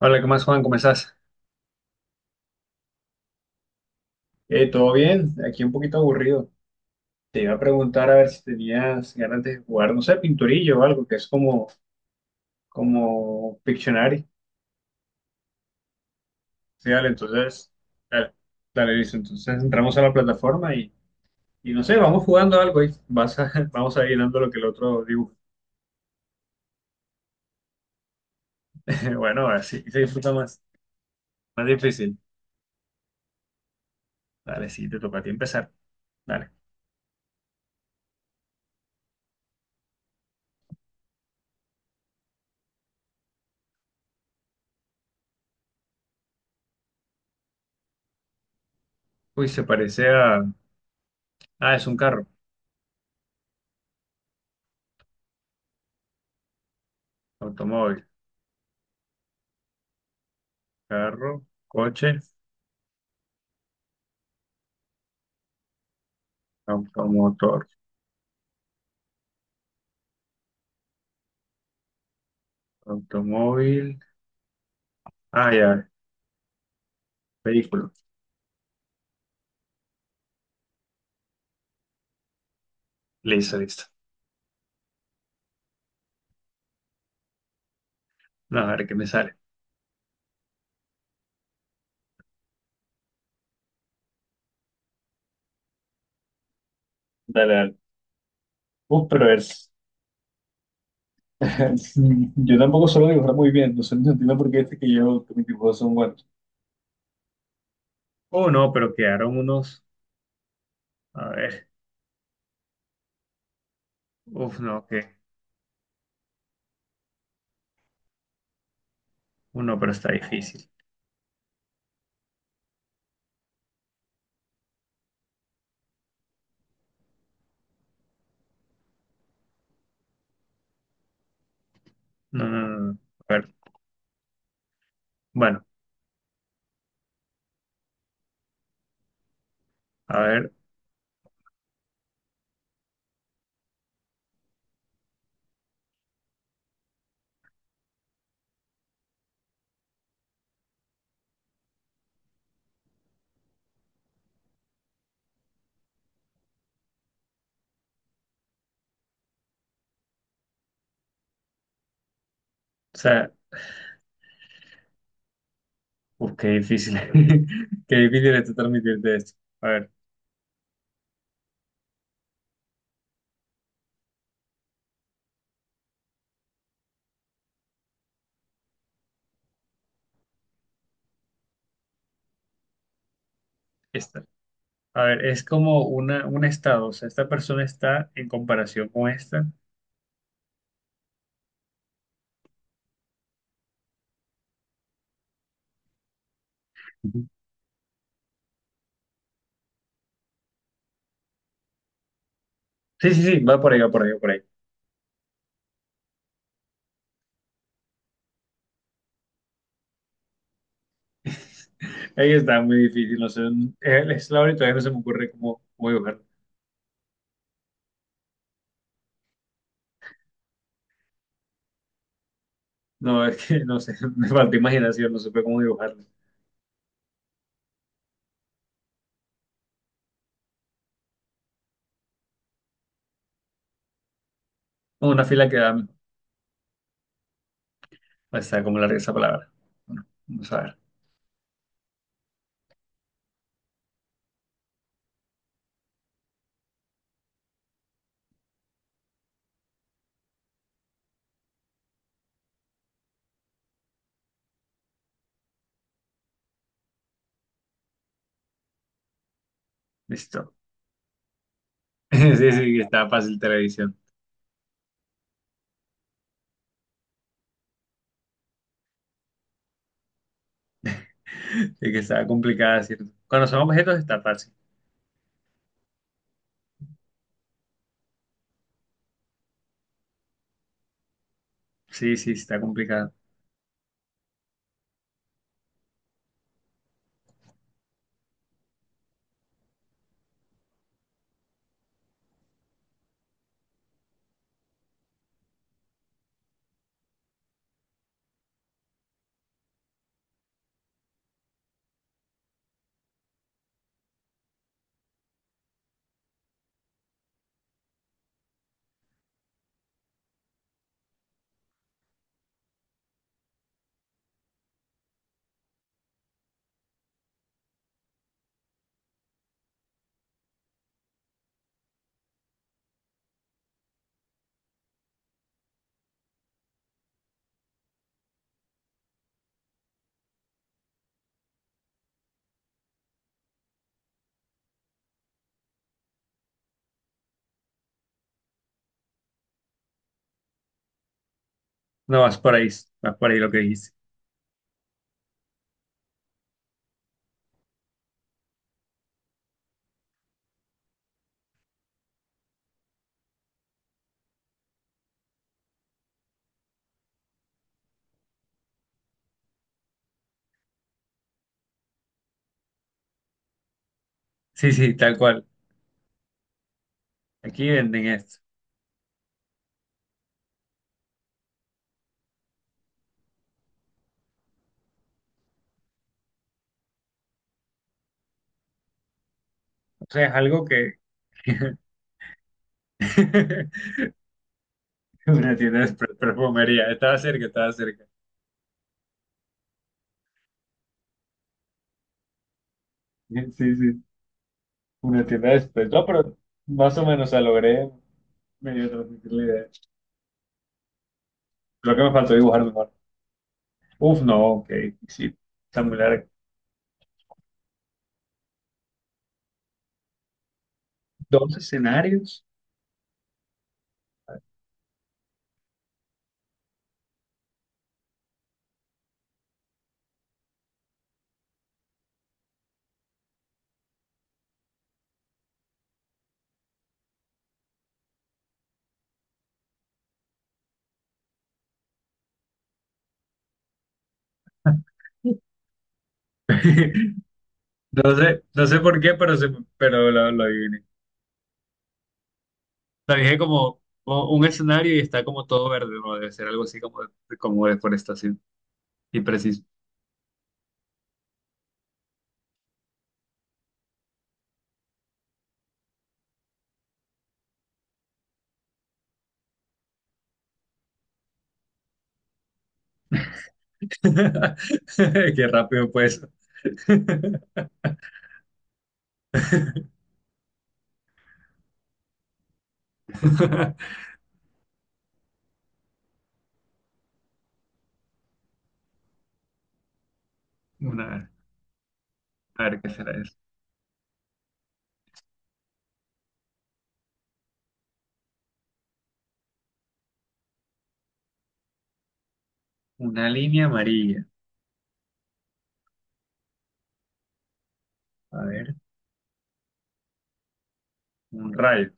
Hola, ¿qué más, Juan? ¿Cómo estás? ¿Todo bien? Aquí un poquito aburrido. Te iba a preguntar a ver si tenías ganas de jugar, no sé, pinturillo o algo, que es como Pictionary. Sí, dale, entonces, dale, dale, listo. Entonces entramos a la plataforma y no sé, vamos jugando algo y vamos a ir dando lo que el otro dibuja. Bueno, así se disfruta más. Más difícil. Dale, sí, te toca a ti empezar. Dale. Uy, se parece a. Ah, es un carro. Automóvil. Carro, coche, automotor. Automóvil. Ah, ya. Vehículo. Listo, listo. No, a ver qué me sale. Dale, dale. Pero es. Yo tampoco suelo dibujar muy bien, no sé, no entiendo por qué este que yo, que mis dibujos son buenos. Oh, no, pero quedaron unos. A ver. Uf, no, que. Uno, pero está difícil. No, no, no. No. A ver. Bueno, a ver. O sea, uf, qué difícil. Qué difícil es transmitirte esto. A ver, esta. A ver, es como un estado. O sea, esta persona está en comparación con esta. Sí, sí, sí, va por ahí, va por ahí, va por ahí. Ahí está, muy difícil, no sé, es la hora y todavía no se me ocurre cómo dibujarlo. No, es que no sé, me falta imaginación, no supe cómo dibujarlo. Como una fila que da, pues, está como larga esa palabra. Bueno, vamos a ver, listo. Sí, sí, que está fácil televisión. Sí, que está complicada, ¿cierto? Cuando son objetos está fácil. Sí, sí, está complicado. No, vas por ahí lo que dijiste. Sí, sí, tal cual. Aquí venden esto. O sea, es algo que. Una tienda de perfumería. Estaba cerca, estaba cerca. Sí, sí. Una tienda de. No, pero más o menos, o sea, logré medio transmitir la idea. Creo que me faltó dibujar mejor. Uf, no, ok. Sí, está muy largo. Dos escenarios. No sé por qué, pero, pero lo adiviné. Lo dije como un escenario y está como todo verde, ¿no? Debe ser algo así como, como deforestación. Y preciso. Qué rápido, pues. Una. A ver, ¿qué será eso? Una línea amarilla. A ver, un rayo.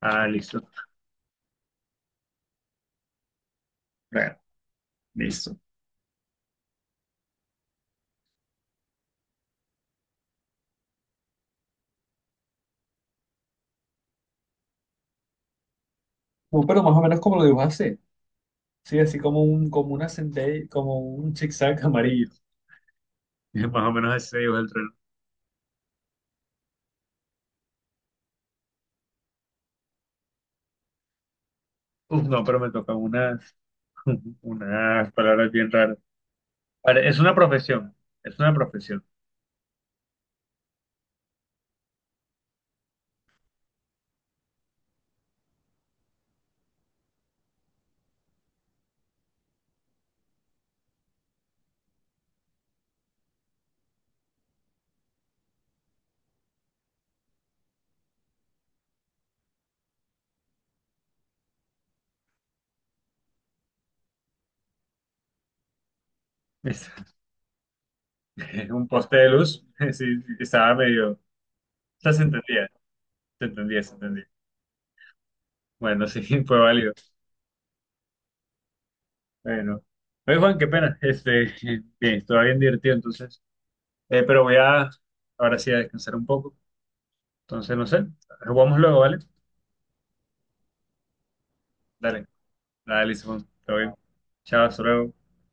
Ah, listo. Bueno, listo. Pero más o menos como lo dibujaste. Sí, así como una centella, como un zigzag amarillo. Más o menos así se dibuja el reloj. Uf, no, pero me tocan unas, unas palabras bien raras. A ver, es una profesión. Es una profesión. Es, un poste de luz. Sí, sí, estaba medio. O sea, se entendía. Se entendía, se entendía. Bueno, sí, fue válido. Bueno, oye Juan, qué pena. Bien, estuvo bien divertido entonces. Pero voy a, ahora sí, a descansar un poco. Entonces, no sé, jugamos luego, ¿vale? Dale, dale, Simón, todo bien. Chao, hasta luego.